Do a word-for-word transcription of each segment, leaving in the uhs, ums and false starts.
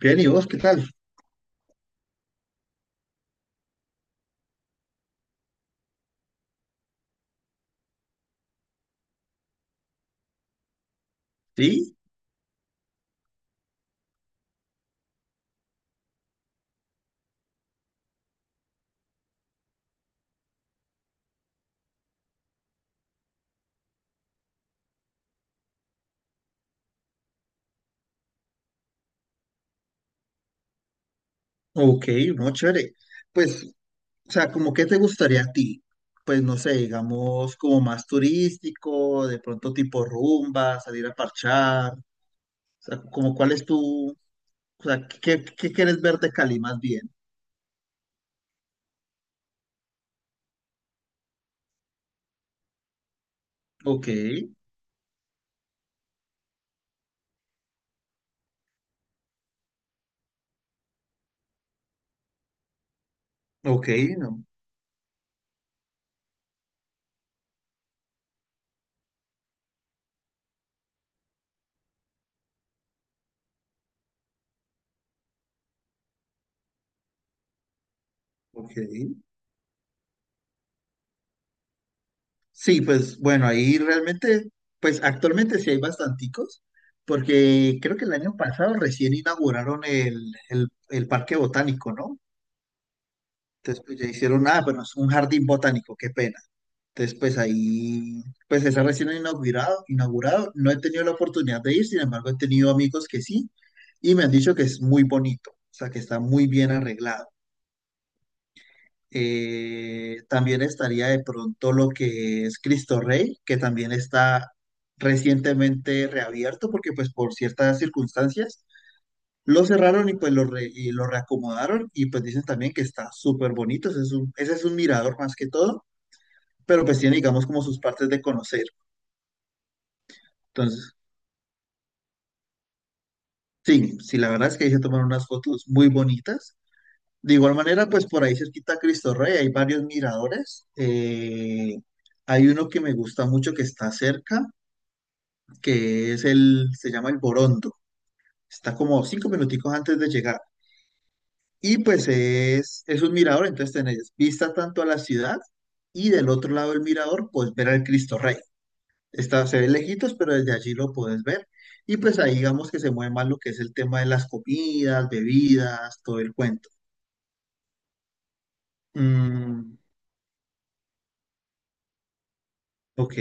Bien, ¿y vos qué tal? Sí, ok, no, chévere. Pues, o sea, ¿como qué te gustaría a ti? Pues no sé, digamos, como más turístico, de pronto tipo rumba, salir a parchar, o sea, como cuál es tu, o sea, ¿qué, qué quieres ver de Cali más bien? Ok, ok, no, ok. Sí, pues bueno, ahí realmente, pues actualmente sí hay bastanticos, porque creo que el año pasado recién inauguraron el, el, el Parque Botánico, ¿no? Entonces, pues ya hicieron, ah, bueno, es un jardín botánico, qué pena. Entonces, pues ahí, pues está recién inaugurado, inaugurado. No he tenido la oportunidad de ir, sin embargo, he tenido amigos que sí, y me han dicho que es muy bonito, o sea, que está muy bien arreglado. Eh, también estaría de pronto lo que es Cristo Rey, que también está recientemente reabierto, porque pues por ciertas circunstancias lo cerraron y pues lo, re- y lo reacomodaron, y pues dicen también que está súper bonito, ese es un, ese es un mirador más que todo, pero pues tiene, digamos, como sus partes de conocer. Entonces, sí, sí, la verdad es que ahí se tomaron unas fotos muy bonitas. De igual manera, pues por ahí cerquita a Cristo Rey hay varios miradores. Eh, hay uno que me gusta mucho que está cerca, que es el, se llama el Borondo. Está como cinco minuticos antes de llegar. Y pues es, es un mirador, entonces tenés vista tanto a la ciudad y del otro lado del mirador, pues ver al Cristo Rey. Está, se ve lejitos, pero desde allí lo puedes ver. Y pues ahí digamos que se mueve más lo que es el tema de las comidas, bebidas, todo el cuento. Mm, ok,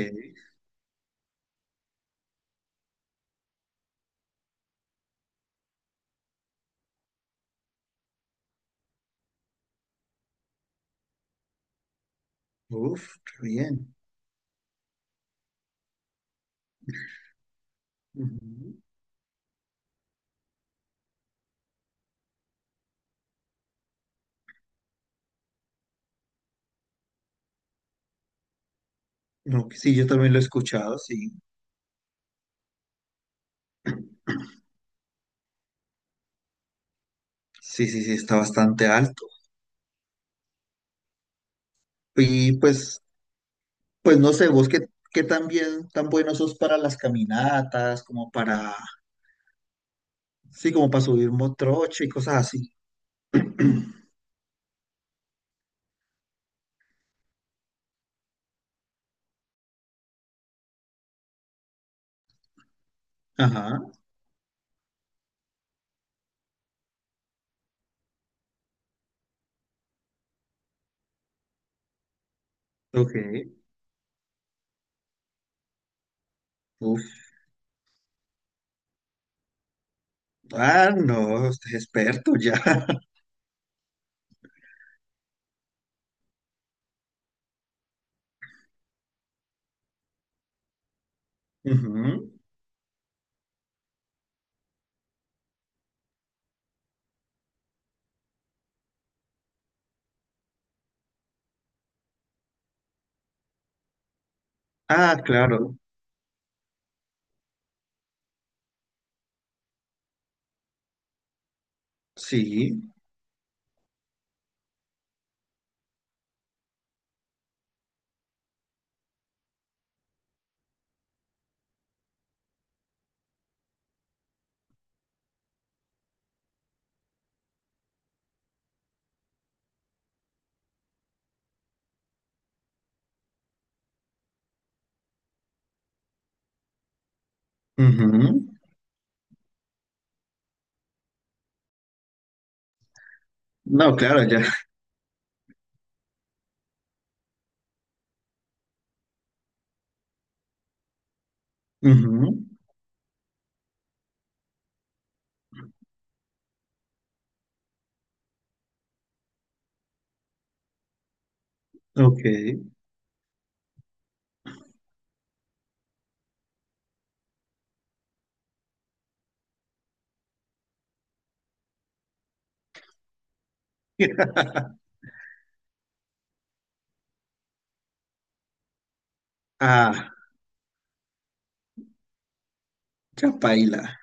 uf, qué bien. Ujú. No, que sí, yo también lo he escuchado, sí. Sí, sí, sí, está bastante alto. Y pues, pues no sé, vos qué, qué tan bien, tan bueno sos para las caminatas, como para, sí, como para subir motrocho y cosas así. Ajá, ok. Uf, ah, no, usted es experto ya. Ujú. Ah, claro, sí. Ujú. No, claro, ya. Ujú. Ok. Ah, ya paila.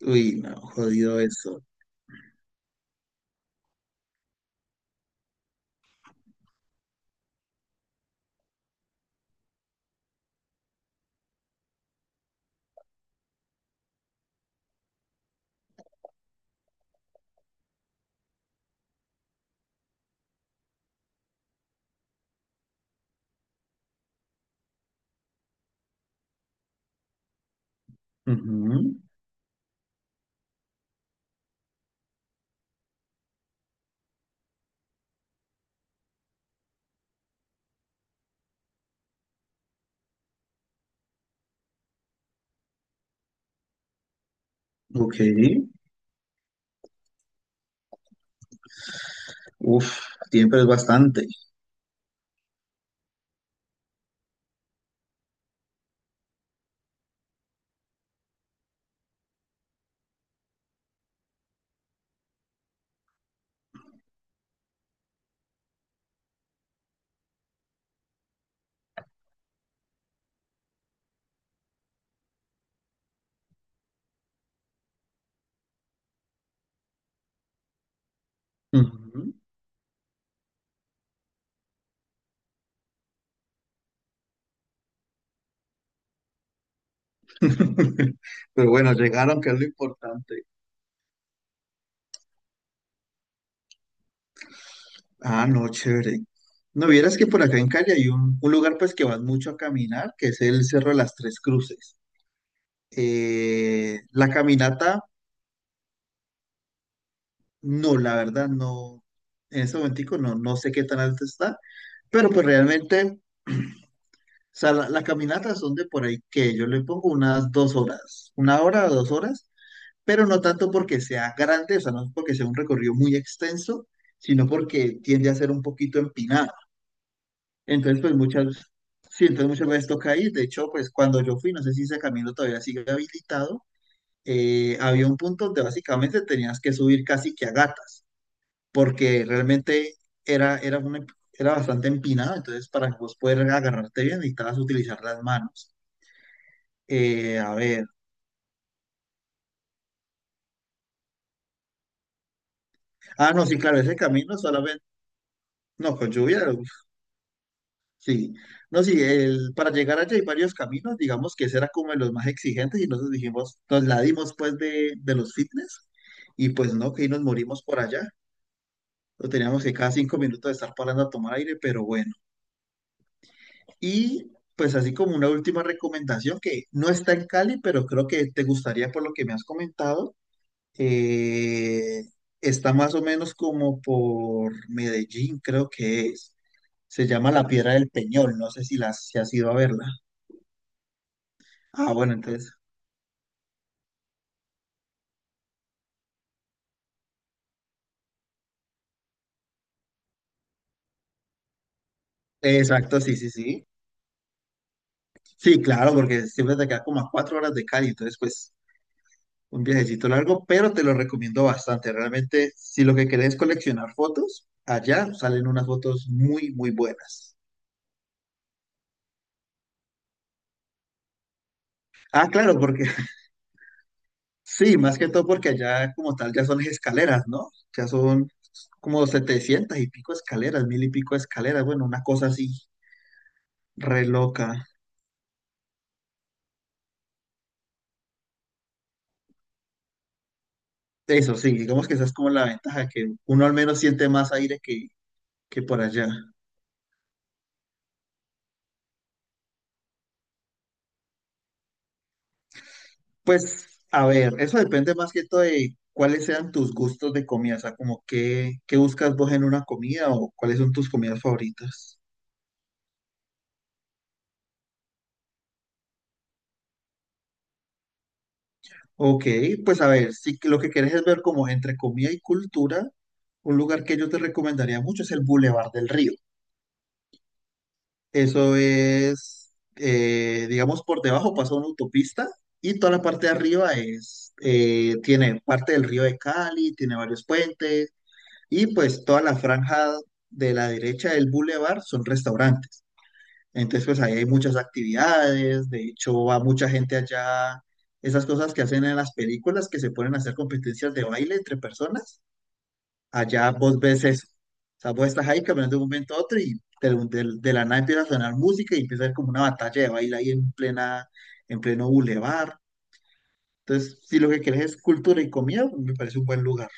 Uy, no, jodido eso. Ujú. Ok. Uf, siempre es bastante. Ujú. Pero bueno, llegaron, que es lo importante. Ah, no, chévere. No vieras que por acá en Cali hay un, un lugar pues que vas mucho a caminar, que es el Cerro de las Tres Cruces. Eh, la caminata. No, la verdad, no. En ese momentico no, no sé qué tan alto está, pero pues realmente, o sea, la- las caminatas son de por ahí que yo le pongo unas dos horas, una hora o dos horas, pero no tanto porque sea grande, o sea, no porque sea un recorrido muy extenso, sino porque tiende a ser un poquito empinado. Entonces, pues muchas, sí, entonces muchas veces toca ir. De hecho, pues cuando yo fui, no sé si ese camino todavía sigue habilitado, eh, había un punto donde básicamente tenías que subir casi que a gatas, porque realmente era, era, una, era bastante empinada, entonces para vos poder agarrarte bien necesitabas utilizar las manos. Eh, a ver, ah, no, sí, claro, ese camino solamente, no, con lluvia, uf, sí, no, sí, el, para llegar allá hay varios caminos, digamos que ese era como de los más exigentes y nosotros dijimos, nos la dimos pues de, de los fitness y pues no, que ahí nos morimos por allá, lo teníamos que cada cinco minutos de estar parando a tomar aire, pero bueno. Y pues así como una última recomendación que no está en Cali, pero creo que te gustaría por lo que me has comentado, eh, está más o menos como por Medellín, creo que es. Se llama La Piedra del Peñol, no sé si, la, si has ido a verla. Ah, bueno, entonces. Exacto, sí, sí, sí. Sí, claro, porque siempre te queda como a cuatro horas de Cali, entonces pues un viajecito largo, pero te lo recomiendo bastante. Realmente, si lo que querés es coleccionar fotos, allá salen unas fotos muy, muy buenas. Ah, claro, porque sí, más que todo porque allá como tal ya son las escaleras, ¿no? Ya son como setecientas y pico escaleras, mil y pico escaleras, bueno, una cosa así re loca. Eso sí, digamos que esa es como la ventaja, que uno al menos siente más aire que, que por allá. Pues, a ver, eso depende más que todo de cuáles sean tus gustos de comida, o sea, como qué, qué buscas vos en una comida o cuáles son tus comidas favoritas. Ok, pues a ver, si que- lo que quieres es ver como entre comida y cultura, un lugar que yo te recomendaría mucho es el Boulevard del Río. Eso es, eh, digamos, por debajo pasa una autopista y toda la parte de arriba es, eh, tiene parte del río de Cali, tiene varios puentes y pues toda la franja de la derecha del Boulevard son restaurantes. Entonces, pues ahí hay muchas actividades, de hecho va mucha gente allá, esas cosas que hacen en las películas que se ponen a hacer competencias de baile entre personas, allá vos ves eso. O sea, vos estás ahí caminando de un momento a otro y de, de- de la nada empieza a sonar música y empieza a haber como una batalla de baile ahí en plena, en pleno bulevar. Entonces, si lo que querés es cultura y comida, me parece un buen lugar.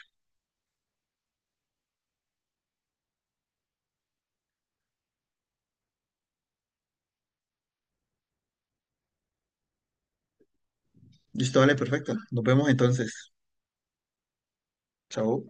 Listo, vale, perfecto. Nos vemos entonces. Chao.